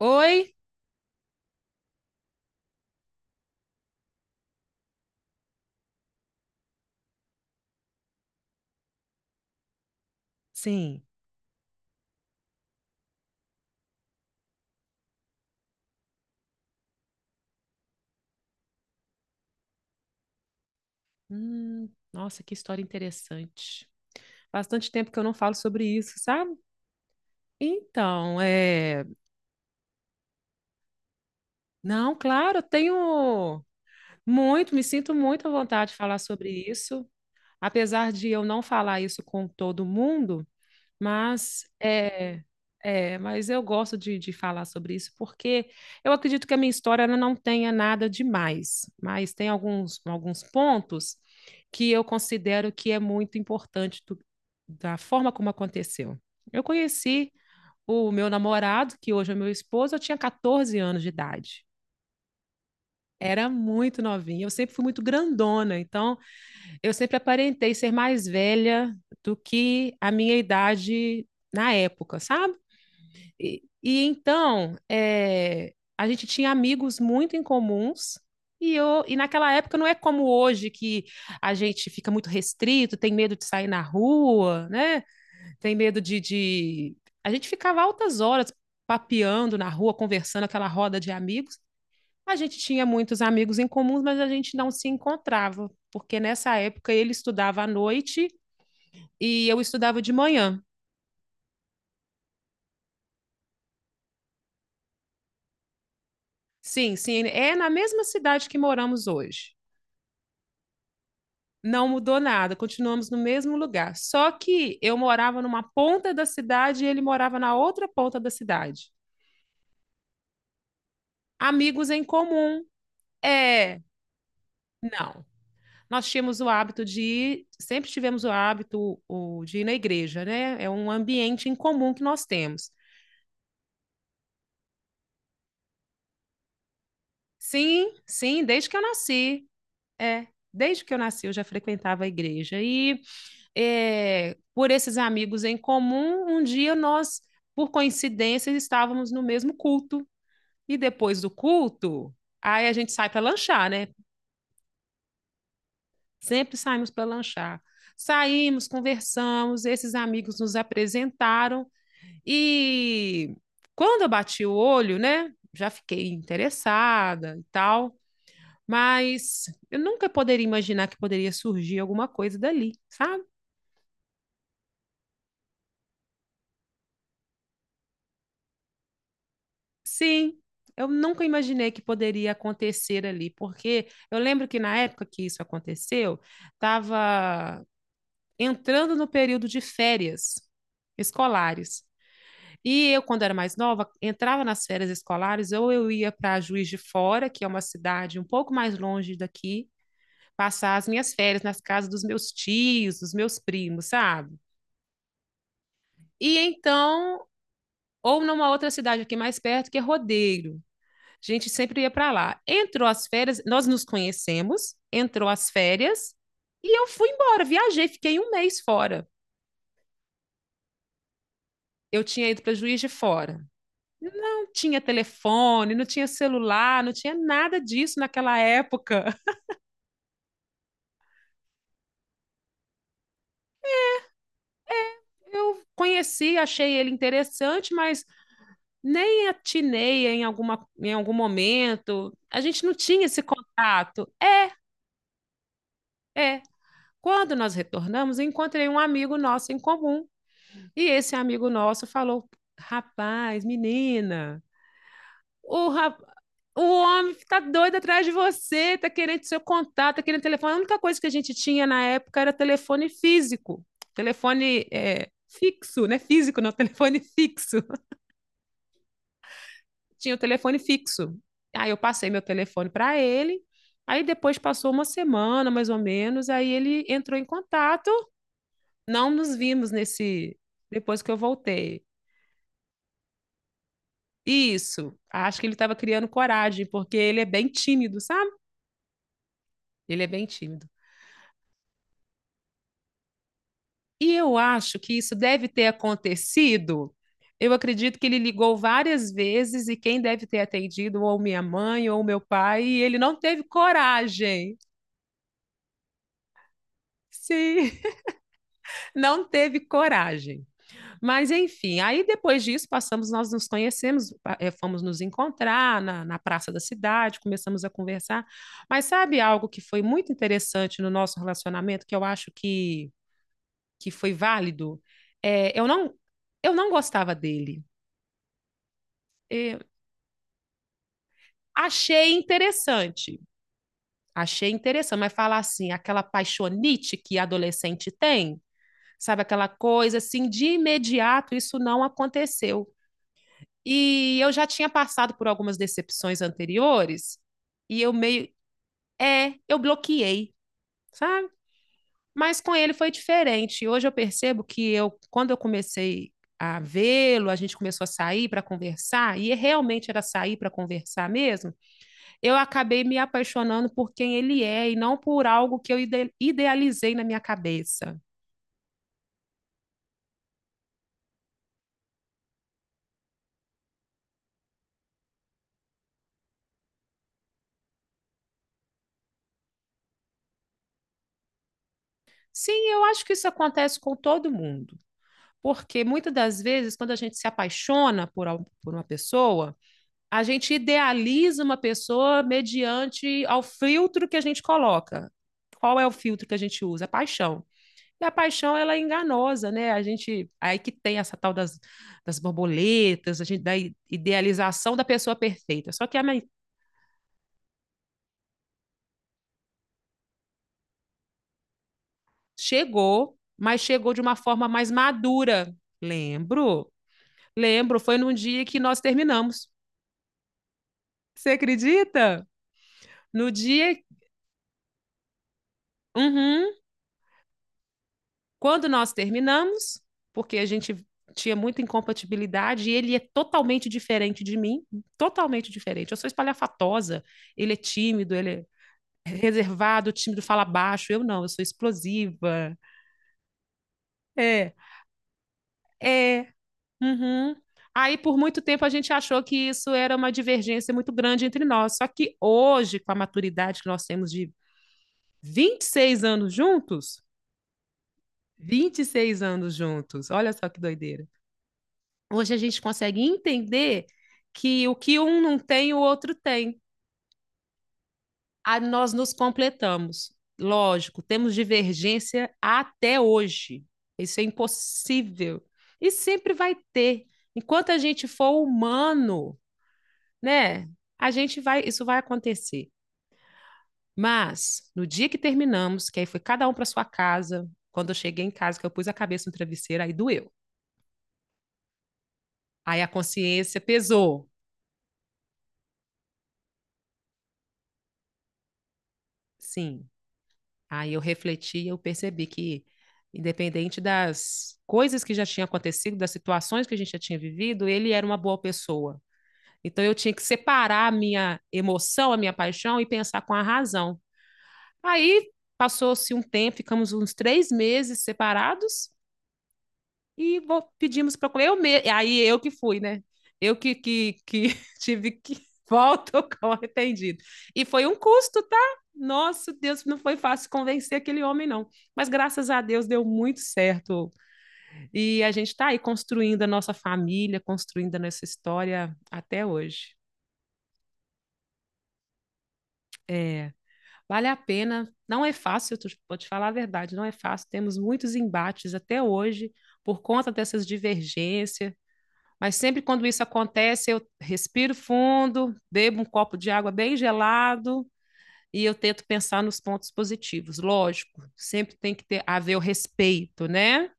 Oi? Sim. Nossa, que história interessante. Bastante tempo que eu não falo sobre isso, sabe? Então, é. Não, claro, eu tenho muito, me sinto muito à vontade de falar sobre isso. Apesar de eu não falar isso com todo mundo, mas mas eu gosto de falar sobre isso porque eu acredito que a minha história ela não tenha nada demais, mas tem alguns pontos que eu considero que é muito importante da forma como aconteceu. Eu conheci o meu namorado, que hoje é meu esposo, eu tinha 14 anos de idade. Era muito novinha, eu sempre fui muito grandona, então eu sempre aparentei ser mais velha do que a minha idade na época, sabe? E então, a gente tinha amigos muito em comuns. E naquela época não é como hoje que a gente fica muito restrito, tem medo de sair na rua, né? Tem medo de. A gente ficava altas horas papeando na rua, conversando, aquela roda de amigos. A gente tinha muitos amigos em comuns, mas a gente não se encontrava, porque nessa época ele estudava à noite e eu estudava de manhã. Sim, é na mesma cidade que moramos hoje. Não mudou nada, continuamos no mesmo lugar. Só que eu morava numa ponta da cidade e ele morava na outra ponta da cidade. Amigos em comum. É, não. Nós tínhamos o hábito de ir, sempre tivemos o hábito de ir na igreja, né? É um ambiente em comum que nós temos. Sim, desde que eu nasci. É, desde que eu nasci eu já frequentava a igreja. E por esses amigos em comum, por coincidência, estávamos no mesmo culto. E depois do culto, aí a gente sai para lanchar, né? Sempre saímos para lanchar. Saímos, conversamos, esses amigos nos apresentaram e quando eu bati o olho, né, já fiquei interessada e tal, mas eu nunca poderia imaginar que poderia surgir alguma coisa dali, sabe? Sim, eu nunca imaginei que poderia acontecer ali, porque eu lembro que na época que isso aconteceu, estava entrando no período de férias escolares. E eu, quando era mais nova, entrava nas férias escolares, ou eu ia para Juiz de Fora, que é uma cidade um pouco mais longe daqui, passar as minhas férias nas casas dos meus tios, dos meus primos, sabe? E então, ou numa outra cidade aqui mais perto, que é Rodeiro. A gente sempre ia para lá. Entrou as férias, nós nos conhecemos, entrou as férias, e eu fui embora, viajei, fiquei 1 mês fora. Eu tinha ido para Juiz de Fora. Não tinha telefone, não tinha celular, não tinha nada disso naquela época. Eu conheci, achei ele interessante, mas nem atinei em algum momento. A gente não tinha esse contato. É. Quando nós retornamos, encontrei um amigo nosso em comum. E esse amigo nosso falou: rapaz, menina, O, rap... o homem tá doido atrás de você, tá querendo seu contato, tá querendo telefone. A única coisa que a gente tinha na época era telefone físico. Telefone fixo, né? Físico, não, telefone fixo. Tinha o telefone fixo. Aí eu passei meu telefone para ele. Aí depois passou uma semana, mais ou menos, aí ele entrou em contato. Não nos vimos nesse depois que eu voltei. Isso, acho que ele estava criando coragem, porque ele é bem tímido, sabe? Ele é bem tímido. E eu acho que isso deve ter acontecido. Eu acredito que ele ligou várias vezes e quem deve ter atendido ou minha mãe ou meu pai, e ele não teve coragem. Sim, não teve coragem. Mas enfim, aí depois disso passamos, nós nos conhecemos, fomos nos encontrar na praça da cidade, começamos a conversar. Mas sabe algo que foi muito interessante no nosso relacionamento, que foi válido? É, eu não, eu não gostava dele. É, Achei achei interessante, mas falar assim, aquela paixonite que adolescente tem, sabe, aquela coisa assim, de imediato isso não aconteceu. E eu já tinha passado por algumas decepções anteriores, e eu meio, eu bloqueei, sabe? Mas com ele foi diferente. Hoje eu percebo que eu, quando eu comecei a vê-lo, a gente começou a sair para conversar, e realmente era sair para conversar mesmo, eu acabei me apaixonando por quem ele é e não por algo que eu idealizei na minha cabeça. Sim, eu acho que isso acontece com todo mundo, porque muitas das vezes, quando a gente se apaixona por uma pessoa, a gente idealiza uma pessoa mediante ao filtro que a gente coloca. Qual é o filtro que a gente usa? A paixão. E a paixão, ela é enganosa, né? A gente, aí que tem essa tal das borboletas, a gente, da idealização da pessoa perfeita. Só que a, men- Chegou, mas chegou de uma forma mais madura. Lembro, lembro, foi num dia que nós terminamos. Você acredita? No dia, uhum, quando nós terminamos, porque a gente tinha muita incompatibilidade e ele é totalmente diferente de mim, totalmente diferente. Eu sou espalhafatosa, ele é reservado, tímido, fala baixo. Eu não, eu sou explosiva. É, é. Uhum. Aí, por muito tempo, a gente achou que isso era uma divergência muito grande entre nós. Só que hoje, com a maturidade que nós temos de 26 anos juntos, 26 anos juntos, olha só que doideira. Hoje a gente consegue entender que o que um não tem, o outro tem. Aí nós nos completamos. Lógico, temos divergência até hoje. Isso é impossível. E sempre vai ter. Enquanto a gente for humano, né? A gente vai, isso vai acontecer. Mas no dia que terminamos, que aí foi cada um para sua casa, quando eu cheguei em casa, que eu pus a cabeça no travesseiro, aí doeu. Aí a consciência pesou. Sim. Aí eu refleti e eu percebi que, independente das coisas que já tinham acontecido, das situações que a gente já tinha vivido, ele era uma boa pessoa. Então eu tinha que separar a minha emoção, a minha paixão e pensar com a razão. Aí passou-se um tempo, ficamos uns 3 meses separados. Pedimos para comer. Aí eu que fui, né? Eu que tive que. Volto com arrependido. E foi um custo, tá? Nossa, Deus, não foi fácil convencer aquele homem, não. Mas graças a Deus deu muito certo. E a gente está aí construindo a nossa família, construindo a nossa história até hoje. É, vale a pena. Não é fácil, vou te falar a verdade, não é fácil. Temos muitos embates até hoje por conta dessas divergências. Mas sempre quando isso acontece, eu respiro fundo, bebo um copo de água bem gelado e eu tento pensar nos pontos positivos. Lógico, sempre tem que ter haver o respeito, né?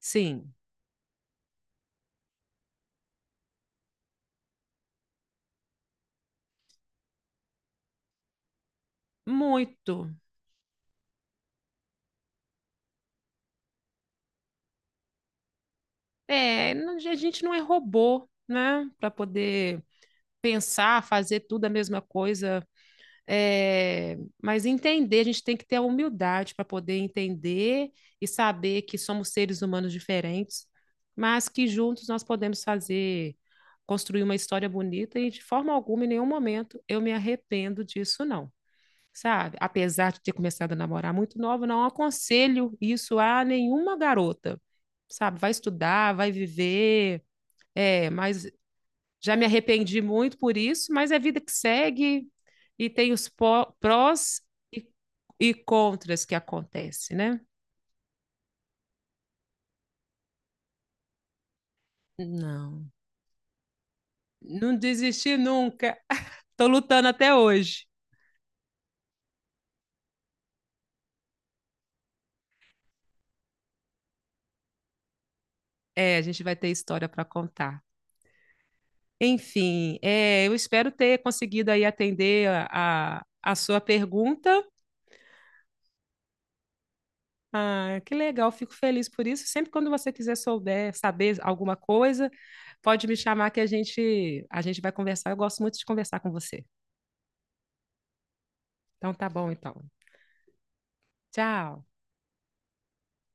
Sim, muito. É, a gente não é robô, né? Para poder pensar, fazer tudo a mesma coisa. Mas entender, a gente tem que ter a humildade para poder entender e saber que somos seres humanos diferentes, mas que juntos nós podemos fazer, construir uma história bonita e de forma alguma, em nenhum momento, eu me arrependo disso, não. Sabe? Apesar de ter começado a namorar muito nova, não aconselho isso a nenhuma garota. Sabe? Vai estudar, vai viver, mas já me arrependi muito por isso, mas é vida que segue, e tem os prós e, e contras que acontecem, né? Não. Não desisti nunca. Estou lutando até hoje. É, a gente vai ter história para contar. Enfim, eu espero ter conseguido aí atender a sua pergunta. Ah, que legal, fico feliz por isso. Sempre quando você quiser souber, saber alguma coisa, pode me chamar que a gente vai conversar. Eu gosto muito de conversar com você. Então tá bom então. Tchau.